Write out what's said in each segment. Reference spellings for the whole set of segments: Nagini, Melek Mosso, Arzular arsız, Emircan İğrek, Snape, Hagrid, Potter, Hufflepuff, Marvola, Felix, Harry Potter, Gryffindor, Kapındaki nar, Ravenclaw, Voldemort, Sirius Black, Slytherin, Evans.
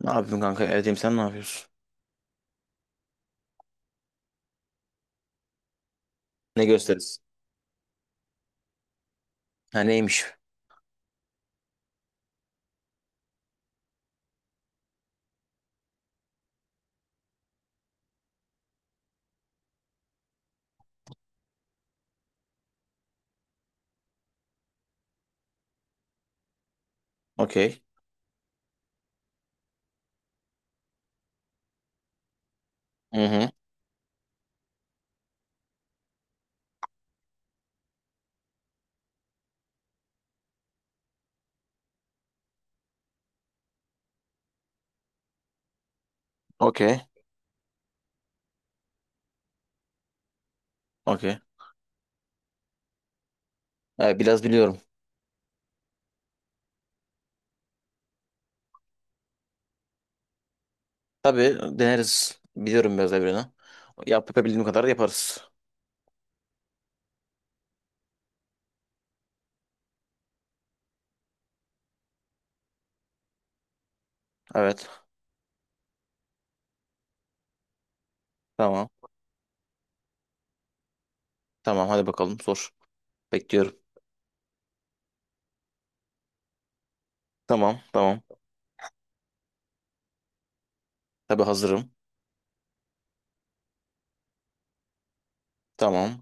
Ne yapayım kanka, evdeyim, sen ne yapıyorsun? Ne gösteririz? Ha, neymiş? Okey. Hı hı. Okey. Okey. Ha, biraz biliyorum. Tabii deneriz. Biliyorum biraz da birini. Yapabildiğim kadar yaparız. Evet. Tamam. Tamam, hadi bakalım sor. Bekliyorum. Tamam. Tabii hazırım. Tamam.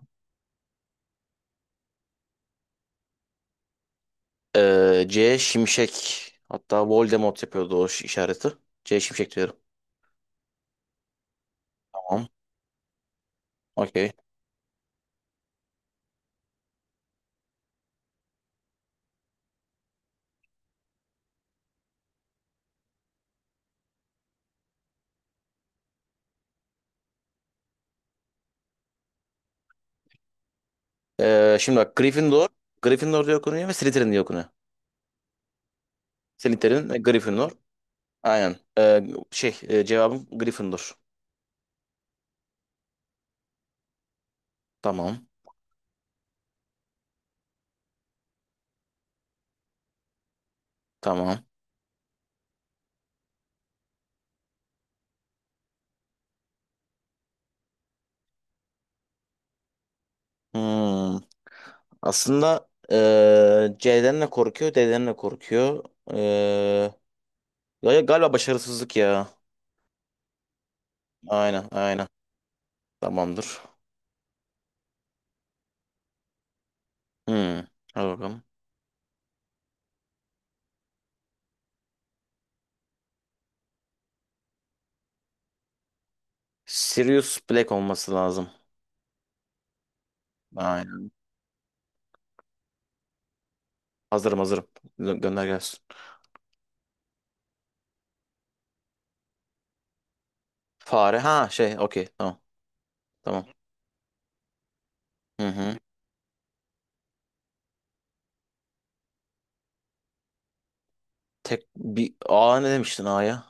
C Şimşek. Hatta Voldemort yapıyordu o işareti. C Şimşek diyorum. Tamam. Okey. Şimdi bak, Gryffindor. Gryffindor diye okunuyor ve Slytherin diye okunuyor. Slytherin ve Gryffindor. Aynen. Cevabım Gryffindor. Tamam. Tamam. Hmm. Aslında C'den de korkuyor, D'den de korkuyor. Ee, Galiba başarısızlık ya. Aynen. Tamamdır. Hmm. Hadi bakalım. Sirius Black olması lazım. Aynen. Hazırım. Gönder gelsin. Fare. Ha şey, okey. Tamam. Tamam. Hı hı. Tek bir A, ne demiştin A'ya?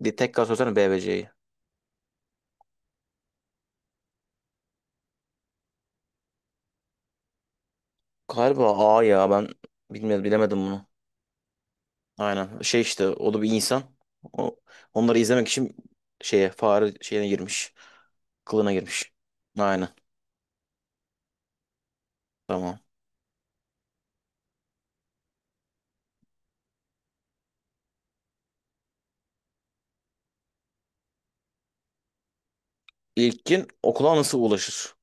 Bir tekrar söylesene B ve C'yi. Galiba A ya, ben bilemedim bunu. Aynen. Şey işte, o da bir insan. O, onları izlemek için şeye, fare şeyine girmiş. Kılığına girmiş. Aynen. Tamam. İlkin okula nasıl ulaşır?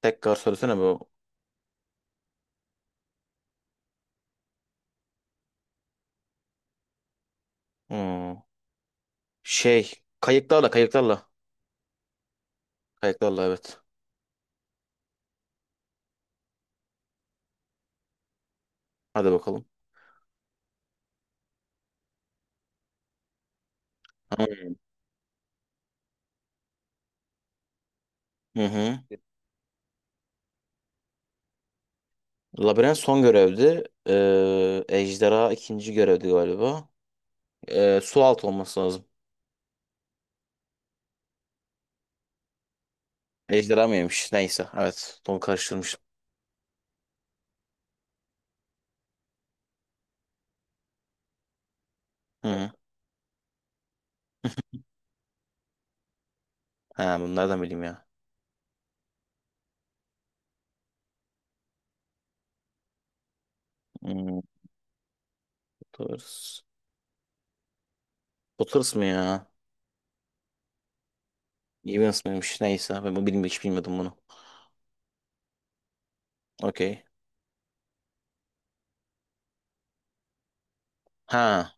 Tekrar söylesene bu. Hmm. Şey, kayıklarla. Kayıklarla evet. Hadi bakalım. Tamam. Hı hı. Labirent son görevdi. Ejderha ikinci görevdi galiba. Su altı olması lazım. Ejderha mıymış? Neyse. Evet. Onu karıştırmışım. Hı hı. Ha, bunu nereden bileyim ya? Hmm, bu tarz. Potters mı ya? Evans mıymış? Neyse, ben bu bilmiyorum, hiç bilmiyordum bunu. Okey. Ha,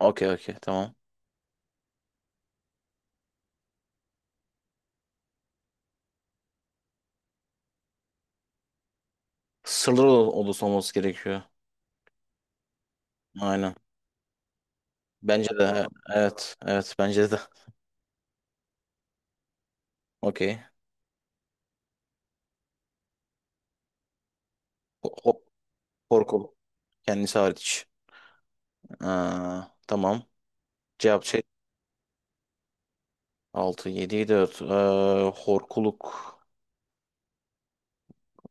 okey tamam. Sırlar odası olması gerekiyor. Aynen. Bence de evet bence de. Okey. Hop korku kendisi hariç. Aa, tamam. Cevap şey, 6 7 4 horkuluk.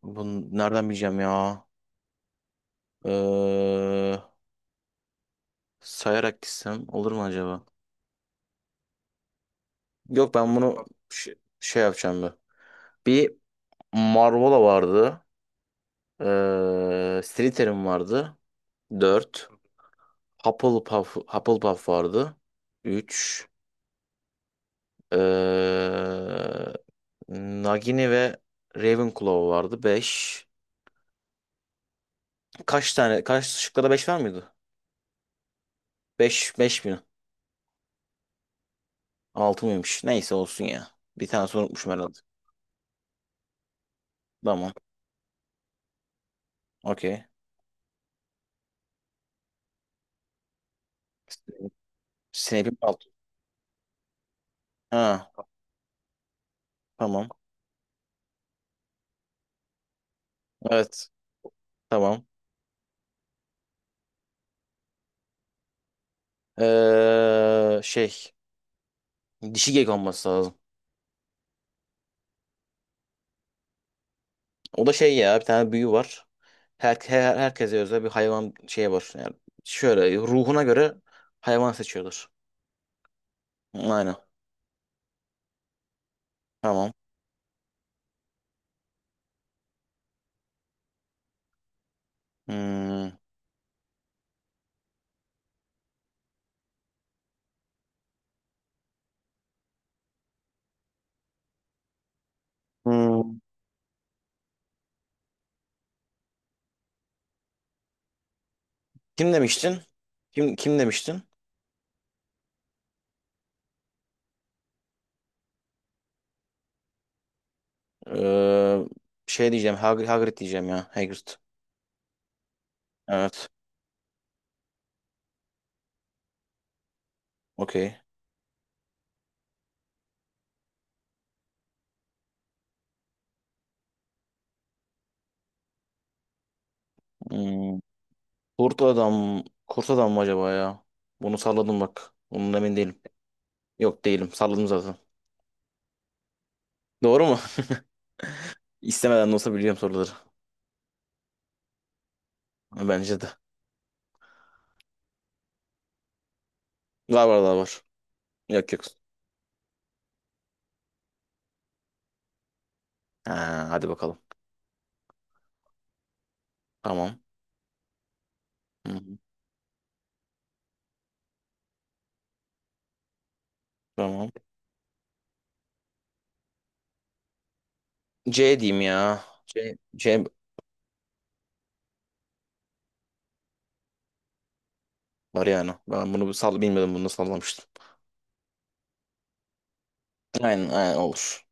Bunu nereden bileceğim ya? Ee, Sayarak gitsem olur mu acaba? Yok, ben bunu şey, şey yapacağım ben. Bir. Marvola vardı. Slytherin vardı. 4. Hufflepuff vardı. Üç. Ee, Nagini ve Ravenclaw vardı. Beş. Kaç tane? Kaç şıkkada 5 var mıydı? Beş mi? 6 mıymış? Neyse, olsun ya. Bir tane unutmuşum herhalde. Tamam. Okey. Snape'in altı. Ha, tamam. Evet. Tamam. Ee, şey. Dişi gek olması lazım. O da şey ya, bir tane büyü var. Herkese özel bir hayvan şey var. Yani şöyle, ruhuna göre hayvan seçiyorlar. Aynen. Tamam. Hmm. Hmm. Kim demiştin? Kim demiştin? Ee, Hagrid diyeceğim ya. Hagrid. Evet. Okey. Hmm. Kurt adam. Kurt adam mı acaba ya? Bunu salladım bak. Bunun emin değilim. Yok, değilim. Salladım zaten. Doğru mu? İstemeden de olsa biliyorum soruları. Bence de. Var, var daha var. Yok, yok. Ha, hadi bakalım. Tamam. Hı hı. Tamam. C diyeyim ya. C var yani. Ben bunu sal bilmiyordum, bunu sallamıştım. Aynen olur.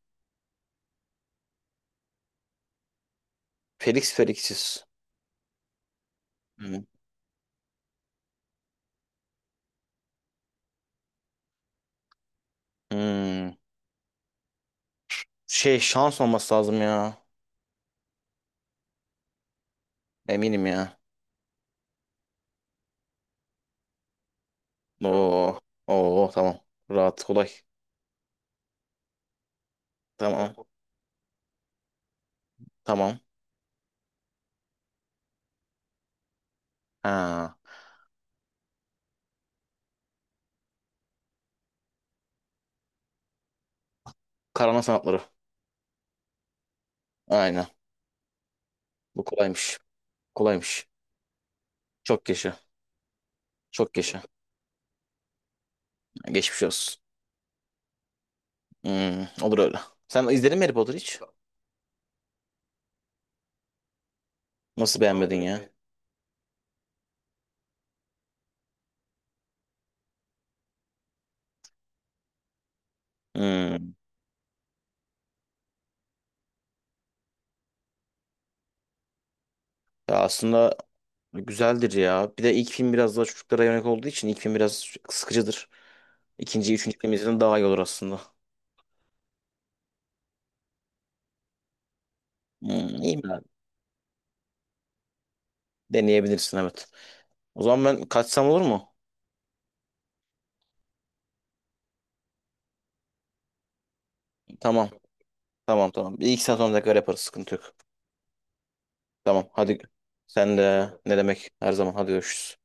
Felix Felix'iz. Hı. Hmm. Şey, şans olması lazım ya. Eminim ya. Oo. Oo, tamam. Rahat, kolay. Tamam. Tamam. Ha. Karama sanatları. Aynen. Bu kolaymış. Kolaymış. Çok yaşa. Çok yaşa. Geçmiş olsun. Hmm, olur öyle. Sen izledin mi Harry Potter hiç? Nasıl beğenmedin ya? Hmm. Ya aslında güzeldir ya. Bir de ilk film biraz daha çocuklara yönelik olduğu için ilk film biraz sıkıcıdır. İkinci, üçüncü film izlediğinde daha iyi olur aslında. Hmm, iyi mi, abi? Deneyebilirsin, evet. O zaman ben kaçsam olur mu? Tamam. Tamam. Bir iki saat sonra tekrar yaparız. Sıkıntı yok. Tamam, hadi. Sen de, ne demek, her zaman. Hadi görüşürüz.